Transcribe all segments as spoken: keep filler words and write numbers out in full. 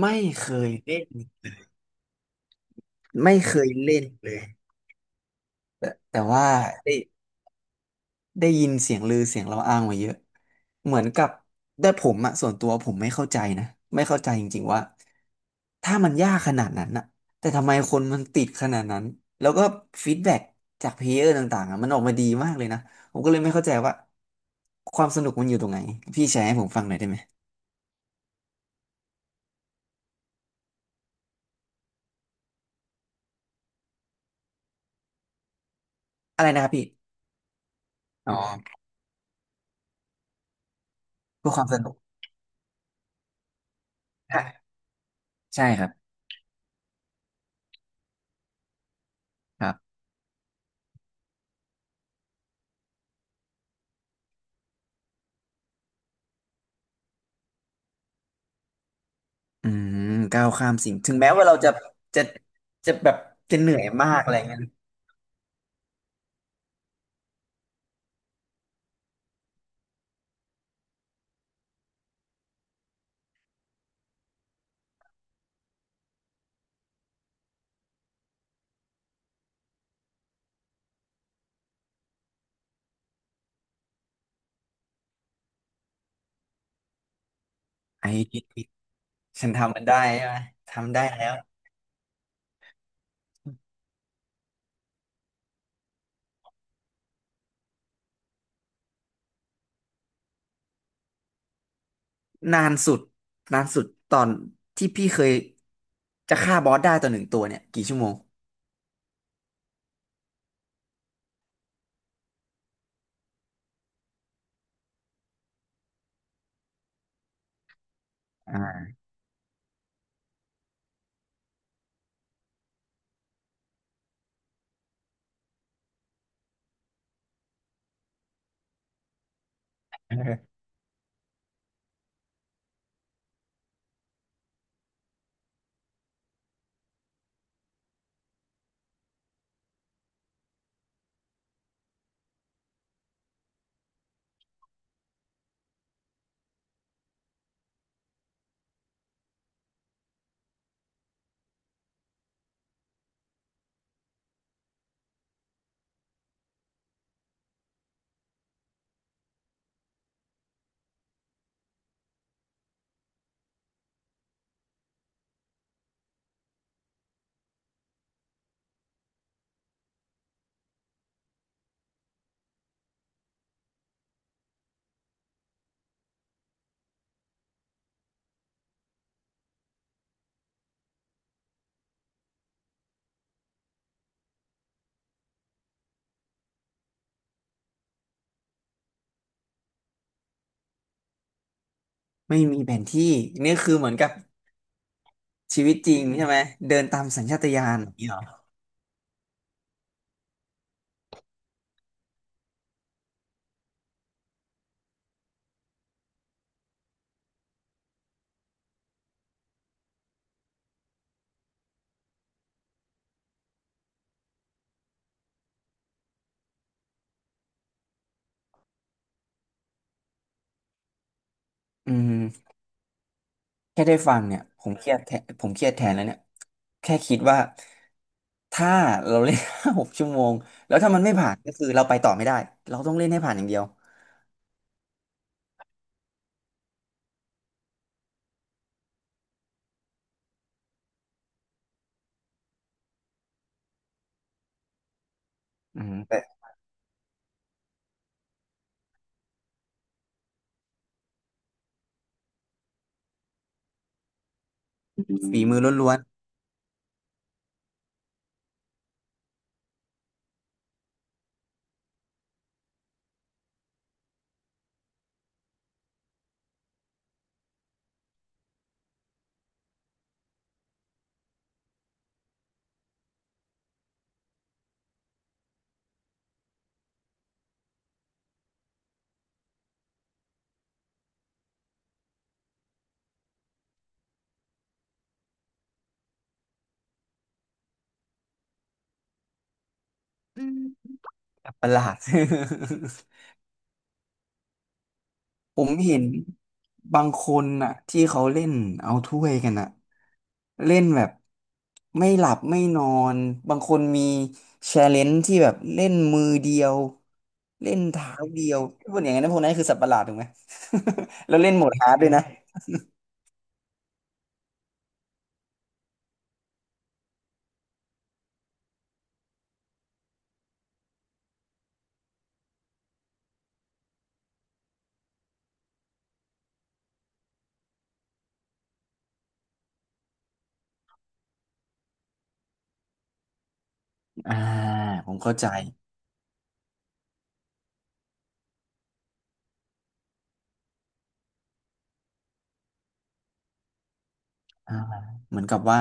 ไม่เคยเล่นไม่เคยเล่นเลยแต่แต่ว่าได้ได้ยินเสียงลือเสียงเราอ้างมาเยอะเหมือนกับแต่ผมอะส่วนตัวผมไม่เข้าใจนะไม่เข้าใจจริงๆว่าถ้ามันยากขนาดนั้นอะแต่ทำไมคนมันติดขนาดนั้นแล้วก็ฟีดแบ็กจากเพลเยอร์ต่างๆอะมันออกมาดีมากเลยนะผมก็เลยไม่เข้าใจว่าความสนุกมันอยู่ตรงไหนพี่แชร์ให้ผมฟังหน่อยได้ไหมอะไรนะครับพี่อ๋อเพื่อความสนุกอ่ะใช่ครับครับ อืมก้าวข้ามสิ่งถึงแม้ว่าเราจะจะจะแบบจะเหนื่อยมากอะไรเงี้ยไอ้ฉันทำมันได้ใช่ไหมทำได้แล้วนานสุดนานสุดตอนที่พี่เคยจะฆ่าบอสได้ต่อหนึ่งตัวเนี่ยกี่ชั่วโมงอ่าไม่มีแผนที่นี่คือเหมือนกับชีวิตจริงใช่ไหมเดินตามสัญชาตญาณอย่างนี้เหรออืม แค่ได้ฟังเนี่ยผมเครียดแทนผมเครียดแทนแล้วเนี่ยแค่คิดว่าถ้าเราเล่น ห้าหกชั่วโมงแล้วถ้ามันไม่ผ่านก็คือเราไปต่อไม่ได้เราต้องเล่นให้ผ่านอย่างเดียวอืมแต่ฝีมือล้วนๆประหลาด ผมเห็นบางคนน่ะที่เขาเล่นเอาถ้วยกันน่ะเล่นแบบไม่หลับไม่นอนบางคนมีแชร์เลนจ์ที่แบบเล่นมือเดียวเล่นเท้าเดียวพวกอย่างนั้นพวกนั้นคือสัตว์ประหลาดถูกไหม แล้วเล่นโหมดฮาร์ดด้วยนะอ่าผมเข้าใจอ่าเหมือนกับว่า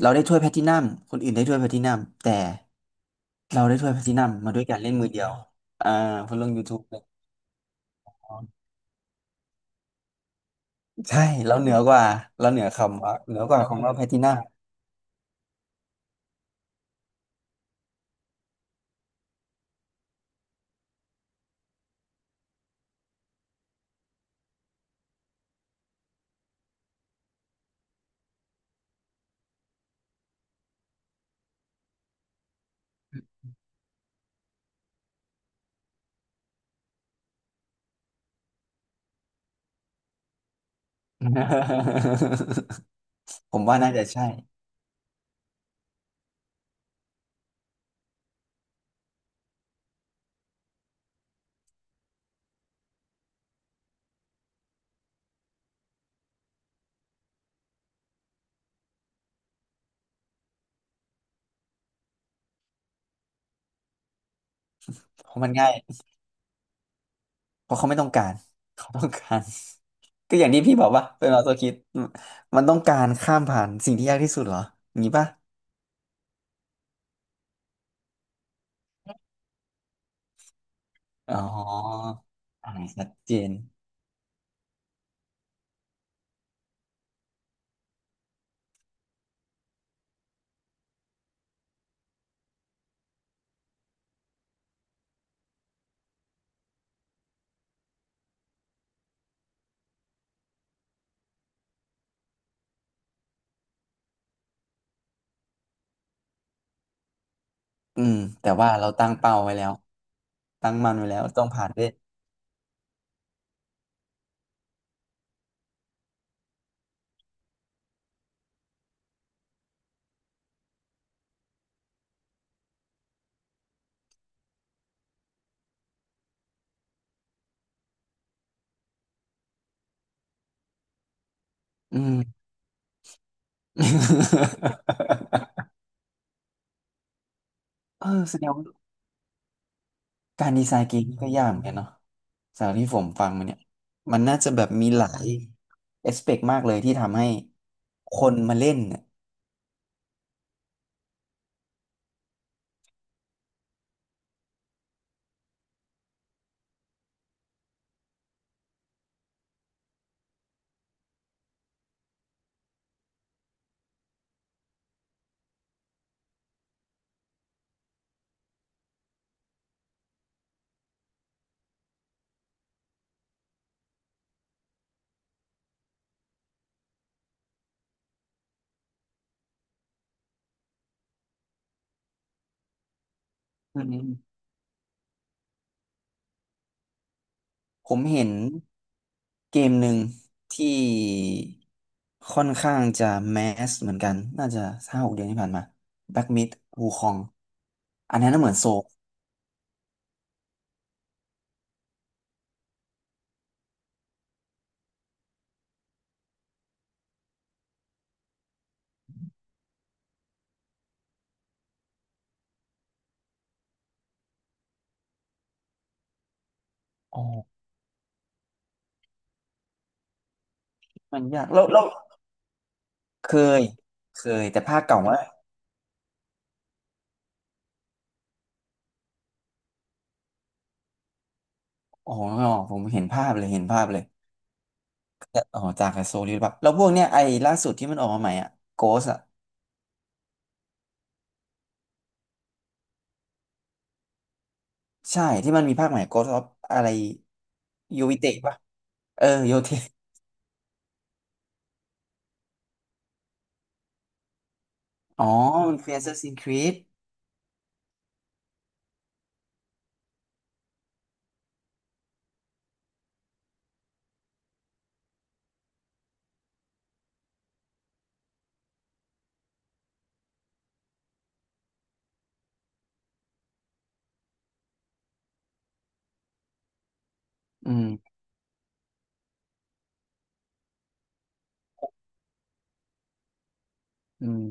เราได้ถ้วยแพลตินัมคนอื่นได้ถ้วยแพลตินัมแต่เราได้ถ้วยแพลตินัมมาด้วยการเล่นมือเดียวอ่าเพนลง ยูทูบ ใช่แล้วเหนือกว่าแล้วเหนือคำว่าเหนือกว่าของเราแพทินัม ผมว่าน่าจะใช่เพราะมันง่ายเพราะเขาไม่ต้องการเขาต้องการ ก็อย่างที่พี่บอกว่าเป็นออโตคิดมันต้องการข้ามผ่านสิ่งที่ยากที่สุดเหรออย่างนี้ป่ะอ๋ออ่าชัดเจนอืมแต่ว่าเราตั้งเป้าไว้แล้วตั้งมันไว้แล้วต้องผ่านด้วยอืม เออแสดงว่า การดีไซน์เกมนี่ก็ยากเหมือนกันเนาะจากที่ผมฟังมาเนี่ย มันน่าจะแบบมีหลายเอสเปกมากเลยที่ทำให้คนมาเล่นเนี่ยอืมผมเห็นเกมหนึ่งที่ค่อนข้างจะแมสเหมือนกันน่าจะห้าหกเดือนที่ผ่านมา แบล็คมิธวูคง อันนั้นน่ะเหมือนโซลอ๋อมันยากแล้วแล้วเคยเคยแต่ภาคเก่าว่าอ๋อผมเห็นภาพเลยเห็นภาพเลย แล้วอ๋อจากกับโซลิดแบบแล้วพวกเนี้ยไอ้ล่าสุดที่มันออกมาใหม่อ่ะโกสอ่ะใช่ที่มันมีภาคใหม่โกสออฟอะไรยูวิเตะปะเออโยเทอ๋อมันคือแอสซัสินครีดอืมอืม